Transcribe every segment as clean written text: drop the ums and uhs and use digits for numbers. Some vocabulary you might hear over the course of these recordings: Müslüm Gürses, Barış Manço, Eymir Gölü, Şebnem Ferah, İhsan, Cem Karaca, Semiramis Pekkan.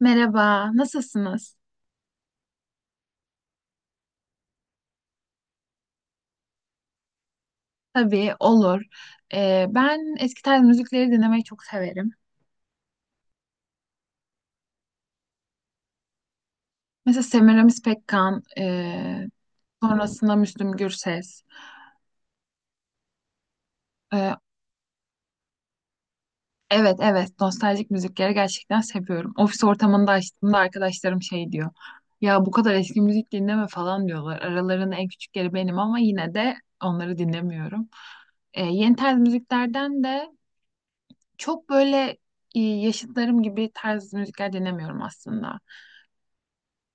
Merhaba, nasılsınız? Tabii, olur. Ben eski tarz müzikleri dinlemeyi çok severim. Mesela Semiramis Pekkan, sonrasında Müslüm Gürses. E, evet, evet, nostaljik müzikleri gerçekten seviyorum. Ofis ortamında açtığımda arkadaşlarım şey diyor. Ya bu kadar eski müzik dinleme falan diyorlar. Aralarının en küçükleri benim ama yine de onları dinlemiyorum. Yeni tarz müziklerden de çok böyle yaşıtlarım gibi tarz müzikler dinlemiyorum aslında.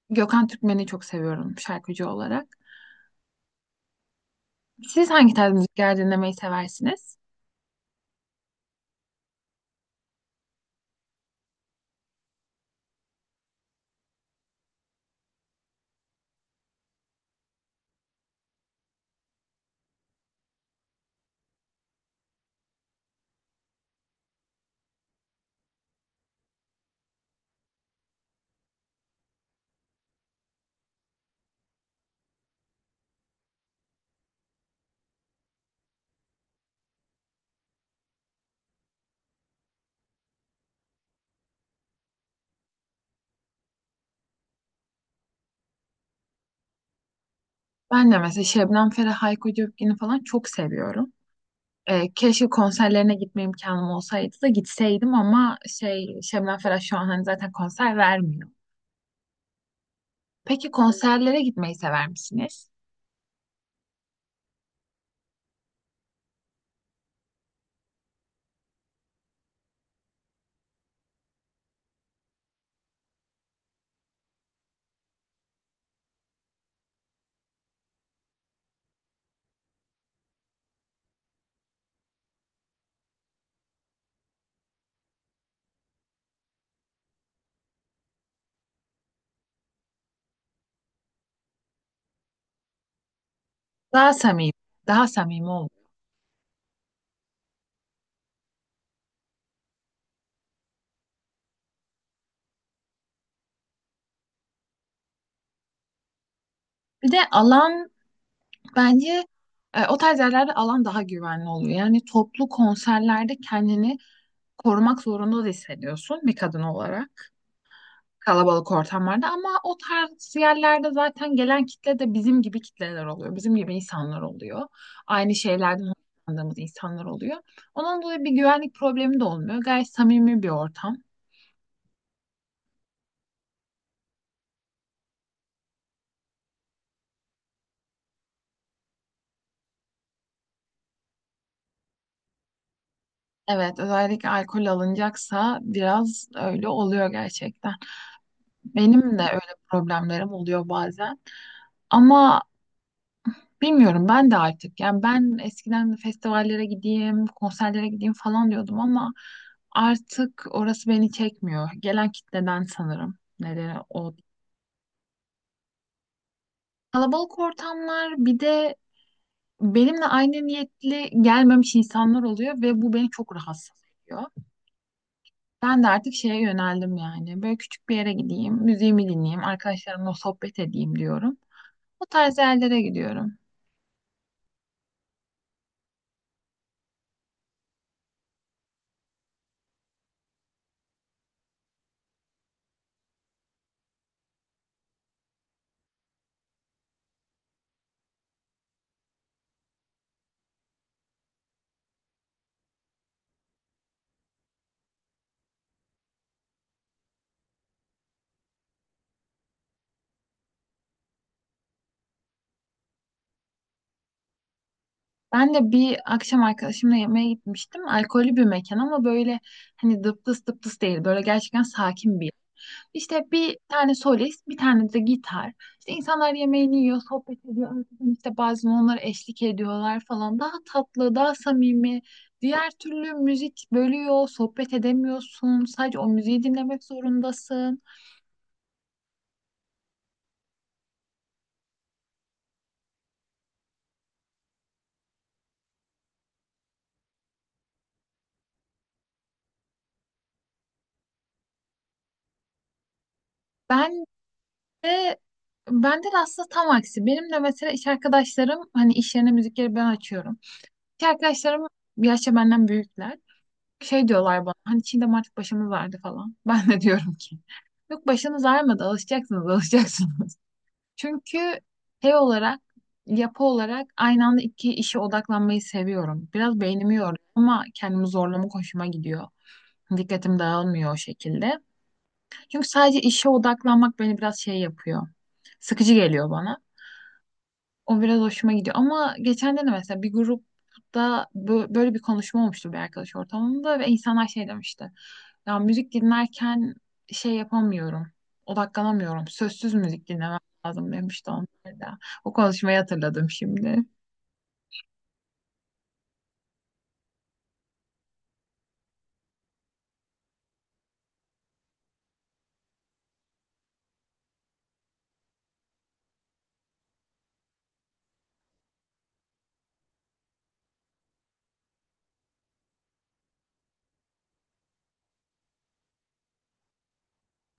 Gökhan Türkmen'i çok seviyorum şarkıcı olarak. Siz hangi tarz müzikler dinlemeyi seversiniz? Ben de mesela Şebnem Ferah, Hayko Cepkin'i falan çok seviyorum. Keşke konserlerine gitme imkanım olsaydı da gitseydim ama şey Şebnem Ferah şu an hani zaten konser vermiyor. Peki konserlere gitmeyi sever misiniz? Daha samimi, daha samimi oluyor. Bir de alan bence o tarz yerlerde alan daha güvenli oluyor. Yani toplu konserlerde kendini korumak zorunda da hissediyorsun bir kadın olarak. Kalabalık ortamlarda ama o tarz yerlerde zaten gelen kitle de bizim gibi kitleler oluyor. Bizim gibi insanlar oluyor. Aynı şeylerden hoşlandığımız insanlar oluyor. Onun dolayı bir güvenlik problemi de olmuyor. Gayet samimi bir ortam. Evet, özellikle alkol alınacaksa biraz öyle oluyor gerçekten. Benim de öyle problemlerim oluyor bazen. Ama bilmiyorum ben de artık yani ben eskiden festivallere gideyim, konserlere gideyim falan diyordum ama artık orası beni çekmiyor. Gelen kitleden sanırım nedeni o. Kalabalık ortamlar bir de benimle aynı niyetli gelmemiş insanlar oluyor ve bu beni çok rahatsız ediyor. Ben de artık şeye yöneldim yani böyle küçük bir yere gideyim, müziğimi dinleyeyim, arkadaşlarımla sohbet edeyim diyorum. O tarz yerlere gidiyorum. Ben de bir akşam arkadaşımla yemeğe gitmiştim. Alkollü bir mekan ama böyle hani dıptıs dıptıs değil. Böyle gerçekten sakin bir yer. İşte bir tane solist, bir tane de gitar. İşte insanlar yemeğini yiyor, sohbet ediyor. Arkadan işte bazen onlara eşlik ediyorlar falan. Daha tatlı, daha samimi. Diğer türlü müzik bölüyor, sohbet edemiyorsun. Sadece o müziği dinlemek zorundasın. Ben Ve Bende de aslında tam aksi. Benim de mesela iş arkadaşlarım hani iş yerine müzikleri ben açıyorum. İş arkadaşlarım yaşça benden büyükler. Şey diyorlar bana hani Çiğdem artık başımız ağrıdı falan. Ben de diyorum ki yok başınız ağrımadı alışacaksınız alışacaksınız. Çünkü şey olarak yapı olarak aynı anda iki işe odaklanmayı seviyorum. Biraz beynimi yoruyor ama kendimi zorlamak hoşuma gidiyor. Dikkatim dağılmıyor o şekilde. Çünkü sadece işe odaklanmak beni biraz şey yapıyor. Sıkıcı geliyor bana. O biraz hoşuma gidiyor. Ama geçen de mesela bir grupta böyle bir konuşma olmuştu bir arkadaş ortamında ve insanlar şey demişti. Ya müzik dinlerken şey yapamıyorum, odaklanamıyorum. Sözsüz müzik dinlemem lazım demişti onlar da. O konuşmayı hatırladım şimdi.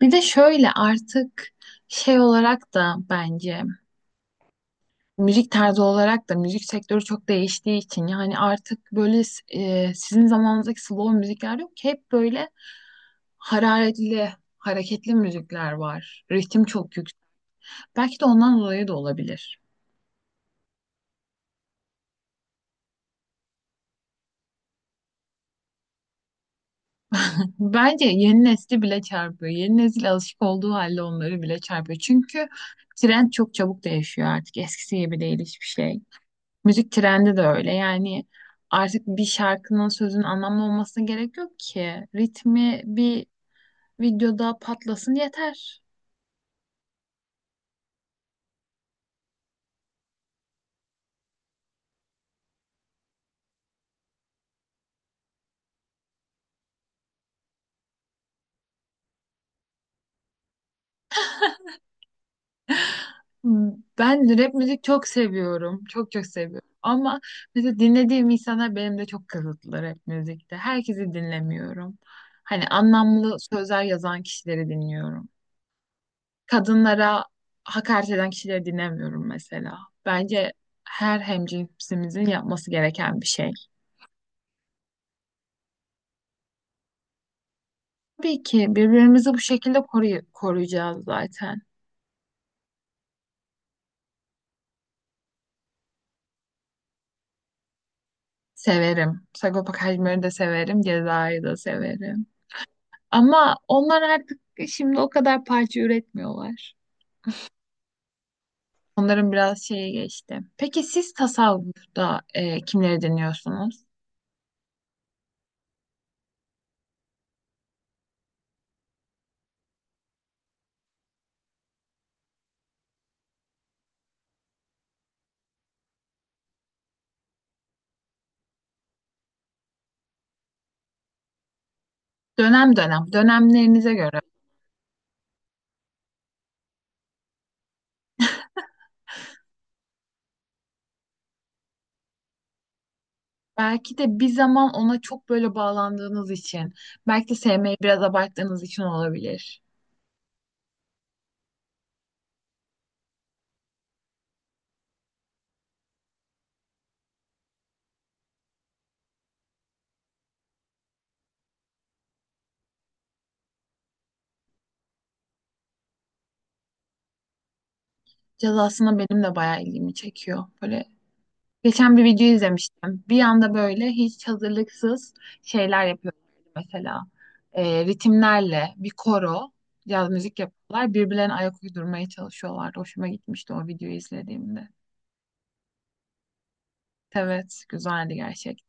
Bir de şöyle artık şey olarak da bence müzik tarzı olarak da müzik sektörü çok değiştiği için yani artık böyle sizin zamanınızdaki slow müzikler yok ki hep böyle hararetli, hareketli müzikler var. Ritim çok yüksek. Belki de ondan dolayı da olabilir. Bence yeni nesli bile çarpıyor. Yeni nesil alışık olduğu halde onları bile çarpıyor. Çünkü trend çok çabuk değişiyor artık. Eskisi gibi değil hiçbir şey. Müzik trendi de öyle. Yani artık bir şarkının sözün anlamlı olmasına gerek yok ki. Ritmi bir videoda patlasın yeter. Hmm, ben rap müzik çok seviyorum. Çok çok seviyorum. Ama mesela dinlediğim insanlar benim de çok kısıtlı rap müzikte. Herkesi dinlemiyorum. Hani anlamlı sözler yazan kişileri dinliyorum. Kadınlara hakaret eden kişileri dinlemiyorum mesela. Bence her hemcinsimizin yapması gereken bir şey. Tabii ki birbirimizi bu şekilde koruyacağız zaten. Severim. Sagopa Kajmer'i de severim. Ceza'yı da severim. Ama onlar artık şimdi o kadar parça üretmiyorlar. Onların biraz şeye geçti. Peki siz tasavvufta kimleri dinliyorsunuz? Dönem dönem, dönemlerinize göre. Belki de bir zaman ona çok böyle bağlandığınız için, belki de sevmeyi biraz abarttığınız için olabilir. Caz aslında benim de bayağı ilgimi çekiyor. Böyle geçen bir video izlemiştim. Bir anda böyle hiç hazırlıksız şeyler yapıyorlar. Mesela ritimlerle bir koro caz müzik yapıyorlar. Birbirlerine ayak uydurmaya çalışıyorlardı. Hoşuma gitmişti o videoyu izlediğimde. Evet, güzeldi gerçekten.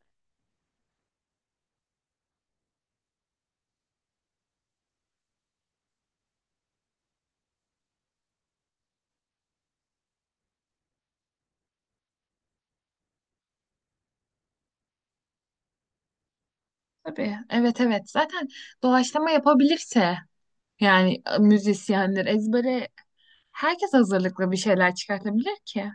Tabii. Evet, evet. Zaten doğaçlama yapabilirse yani müzisyenler ezbere herkes hazırlıklı bir şeyler çıkartabilir ki.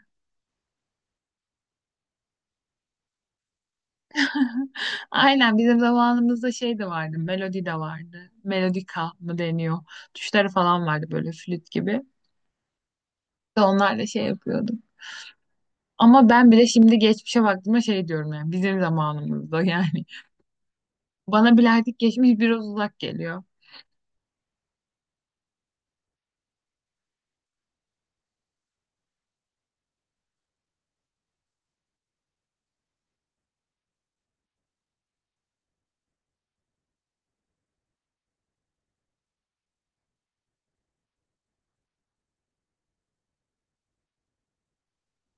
Aynen bizim zamanımızda şey de vardı, melodi de vardı. Melodika mı deniyor? Tuşları falan vardı böyle flüt gibi. Onlarla şey yapıyordum. Ama ben bile şimdi geçmişe baktığımda şey diyorum yani bizim zamanımızda yani. Bana bile artık geçmiş biraz uzak geliyor.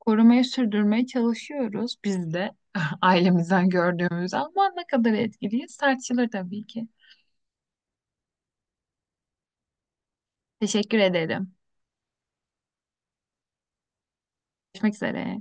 Korumaya sürdürmeye çalışıyoruz biz de ailemizden gördüğümüz ama ne kadar etkiliyiz tartışılır tabii ki. Teşekkür ederim. Görüşmek üzere.